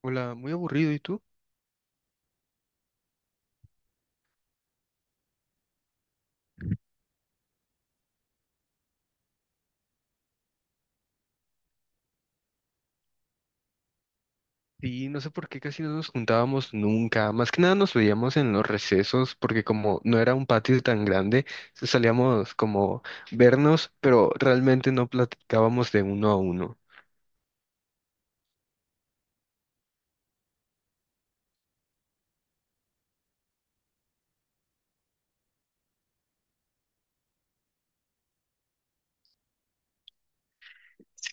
Hola, muy aburrido, ¿y tú? Y no sé por qué casi no nos juntábamos nunca. Más que nada nos veíamos en los recesos, porque como no era un patio tan grande, salíamos como vernos, pero realmente no platicábamos de uno a uno.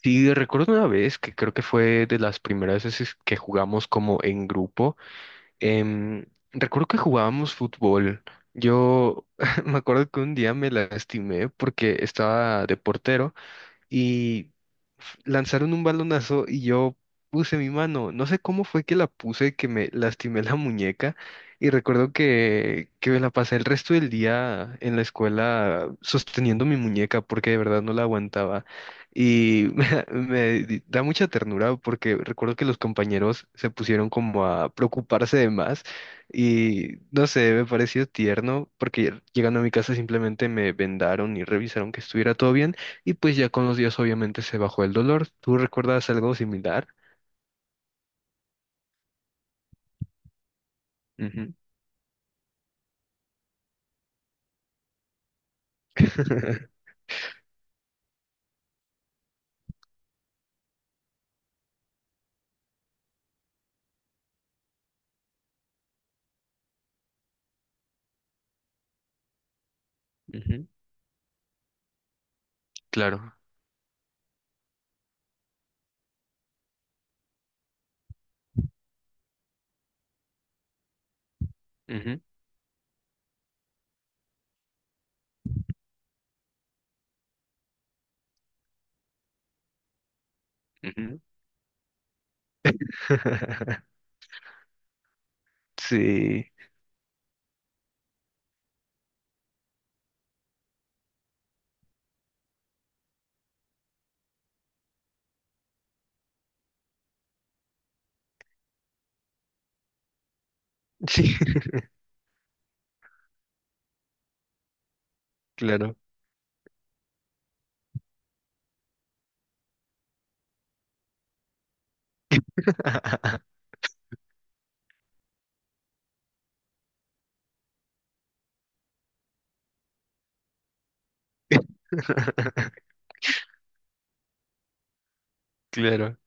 Sí, recuerdo una vez que creo que fue de las primeras veces que jugamos como en grupo. em, Recuerdo que jugábamos fútbol. Yo me acuerdo que un día me lastimé porque estaba de portero. Y lanzaron un balonazo y yo puse mi mano. No sé cómo fue que la puse, que me lastimé la muñeca y recuerdo que me la pasé el resto del día en la escuela sosteniendo mi muñeca porque de verdad no la aguantaba. Y me, da me di- da mucha ternura porque recuerdo que los compañeros se pusieron como a preocuparse de más y no sé, me pareció tierno porque llegando a mi casa simplemente me vendaron y revisaron que estuviera todo bien y pues ya con los días obviamente se bajó el dolor. ¿Tú recuerdas algo similar? Ujú. Ujú. Claro. Ujú. Ujú. Sí. Sí. Claro. Claro.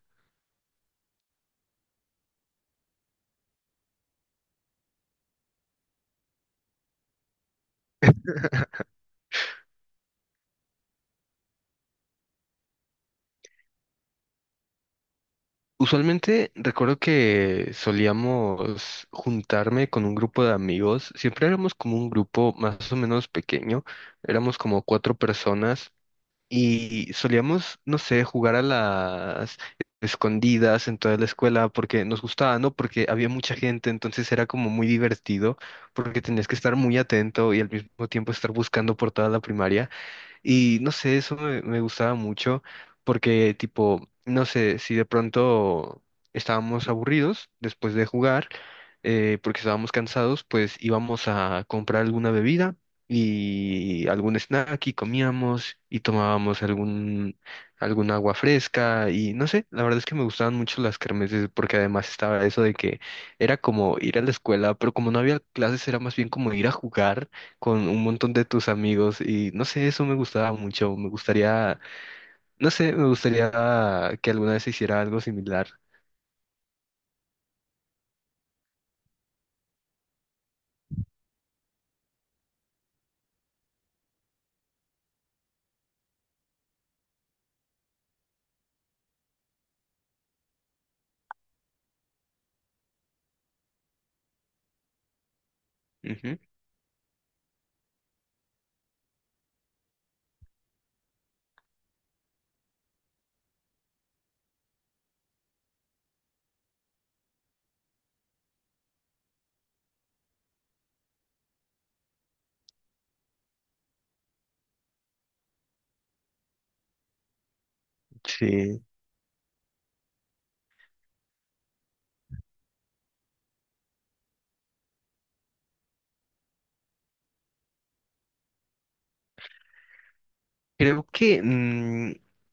Usualmente recuerdo que solíamos juntarme con un grupo de amigos. Siempre éramos como un grupo más o menos pequeño. Éramos como cuatro personas. Y solíamos, no sé, jugar a las escondidas en toda la escuela porque nos gustaba, ¿no? Porque había mucha gente, entonces era como muy divertido porque tenías que estar muy atento y al mismo tiempo estar buscando por toda la primaria. Y no sé, eso me gustaba mucho porque tipo, no sé, si de pronto estábamos aburridos después de jugar, porque estábamos cansados, pues íbamos a comprar alguna bebida y algún snack y comíamos y tomábamos algún, algún agua fresca y no sé, la verdad es que me gustaban mucho las kermeses porque además estaba eso de que era como ir a la escuela, pero como no había clases era más bien como ir a jugar con un montón de tus amigos y no sé, eso me gustaba mucho, me gustaría, no sé, me gustaría que alguna vez se hiciera algo similar. Ujú. Sí. Creo que, mm,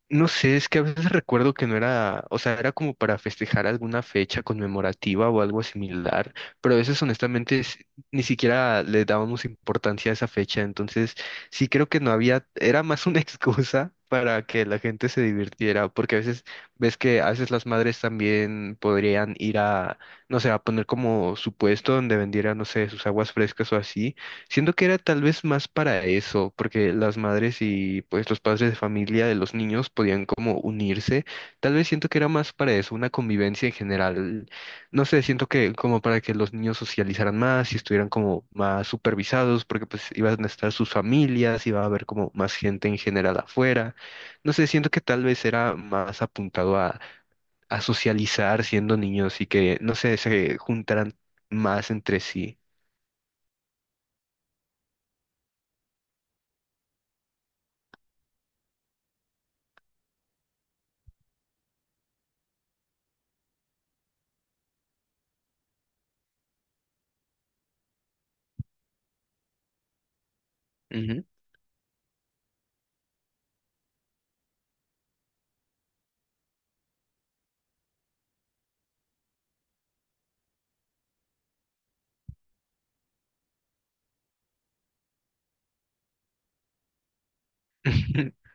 no sé, es que a veces recuerdo que no era, o sea, era como para festejar alguna fecha conmemorativa o algo similar, pero a veces honestamente ni siquiera le dábamos importancia a esa fecha, entonces sí creo que no había, era más una excusa para que la gente se divirtiera, porque a veces ves que a veces las madres también podrían ir a, no sé, a poner como su puesto donde vendieran, no sé, sus aguas frescas o así. Siento que era tal vez más para eso, porque las madres y pues los padres de familia de los niños podían como unirse. Tal vez siento que era más para eso, una convivencia en general. No sé, siento que como para que los niños socializaran más y estuvieran como más supervisados, porque pues iban a estar sus familias, iba a haber como más gente en general afuera. No sé, siento que tal vez era más apuntado a, socializar siendo niños y que, no sé, se juntaran más entre sí. Ujú.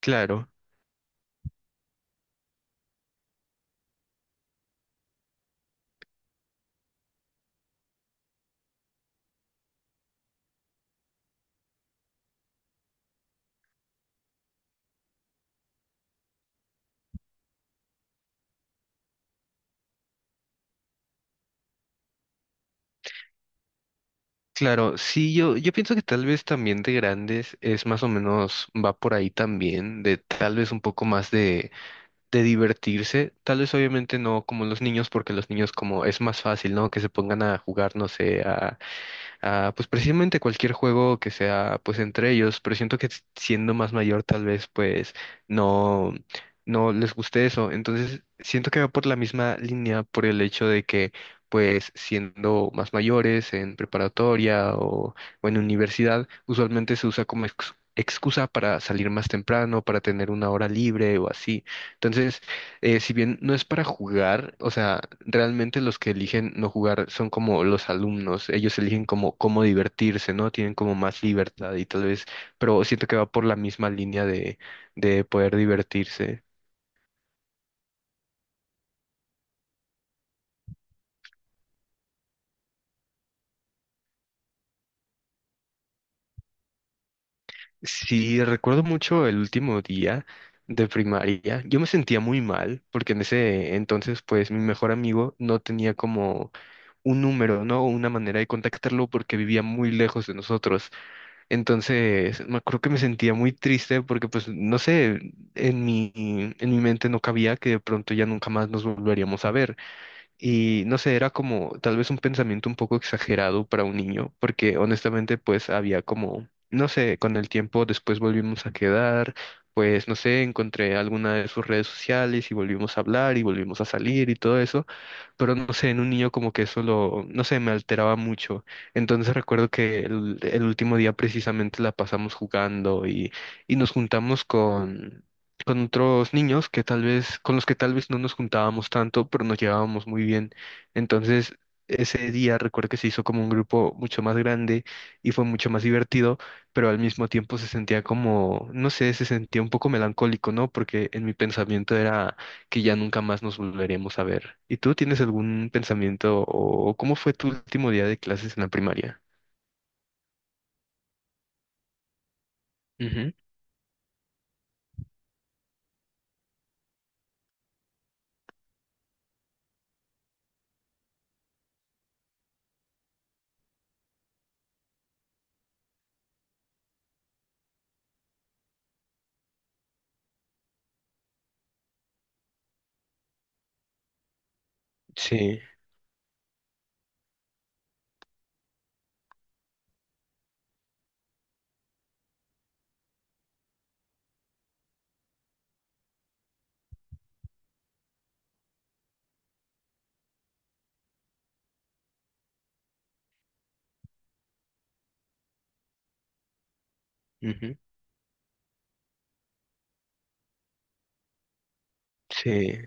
Claro. Claro, sí, yo pienso que tal vez también de grandes es más o menos, va por ahí también, de tal vez un poco más de divertirse, tal vez obviamente no como los niños, porque los niños como es más fácil, ¿no? Que se pongan a jugar, no sé, a, pues precisamente cualquier juego que sea pues entre ellos, pero siento que siendo más mayor tal vez pues no, no les guste eso. Entonces siento que va por la misma línea por el hecho de que pues siendo más mayores en preparatoria o en universidad, usualmente se usa como excusa para salir más temprano, para tener una hora libre o así. Entonces, si bien no es para jugar, o sea, realmente los que eligen no jugar son como los alumnos, ellos eligen como cómo divertirse, ¿no? Tienen como más libertad y tal vez, pero siento que va por la misma línea de poder divertirse. Sí, recuerdo mucho el último día de primaria, yo me sentía muy mal, porque en ese entonces, pues, mi mejor amigo no tenía como un número, ¿no? Una manera de contactarlo porque vivía muy lejos de nosotros. Entonces, me acuerdo que me sentía muy triste porque, pues, no sé, en mi mente no cabía que de pronto ya nunca más nos volveríamos a ver. Y no sé, era como tal vez un pensamiento un poco exagerado para un niño, porque honestamente pues había como, no sé, con el tiempo después volvimos a quedar, pues no sé, encontré alguna de sus redes sociales y volvimos a hablar y volvimos a salir y todo eso, pero no sé, en un niño como que eso lo, no sé, me alteraba mucho. Entonces recuerdo que el último día precisamente la pasamos jugando y nos juntamos con otros niños que tal vez, con los que tal vez no nos juntábamos tanto, pero nos llevábamos muy bien. Entonces, ese día recuerdo que se hizo como un grupo mucho más grande y fue mucho más divertido, pero al mismo tiempo se sentía como, no sé, se sentía un poco melancólico, ¿no? Porque en mi pensamiento era que ya nunca más nos volveremos a ver. ¿Y tú tienes algún pensamiento o cómo fue tu último día de clases en la primaria? Ujú. Sí. Ujú. Sí.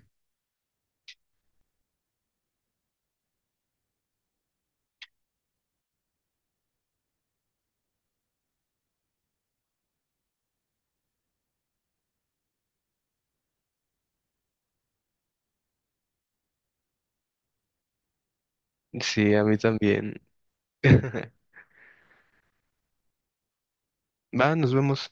Sí, a mí también. Va, nos vemos.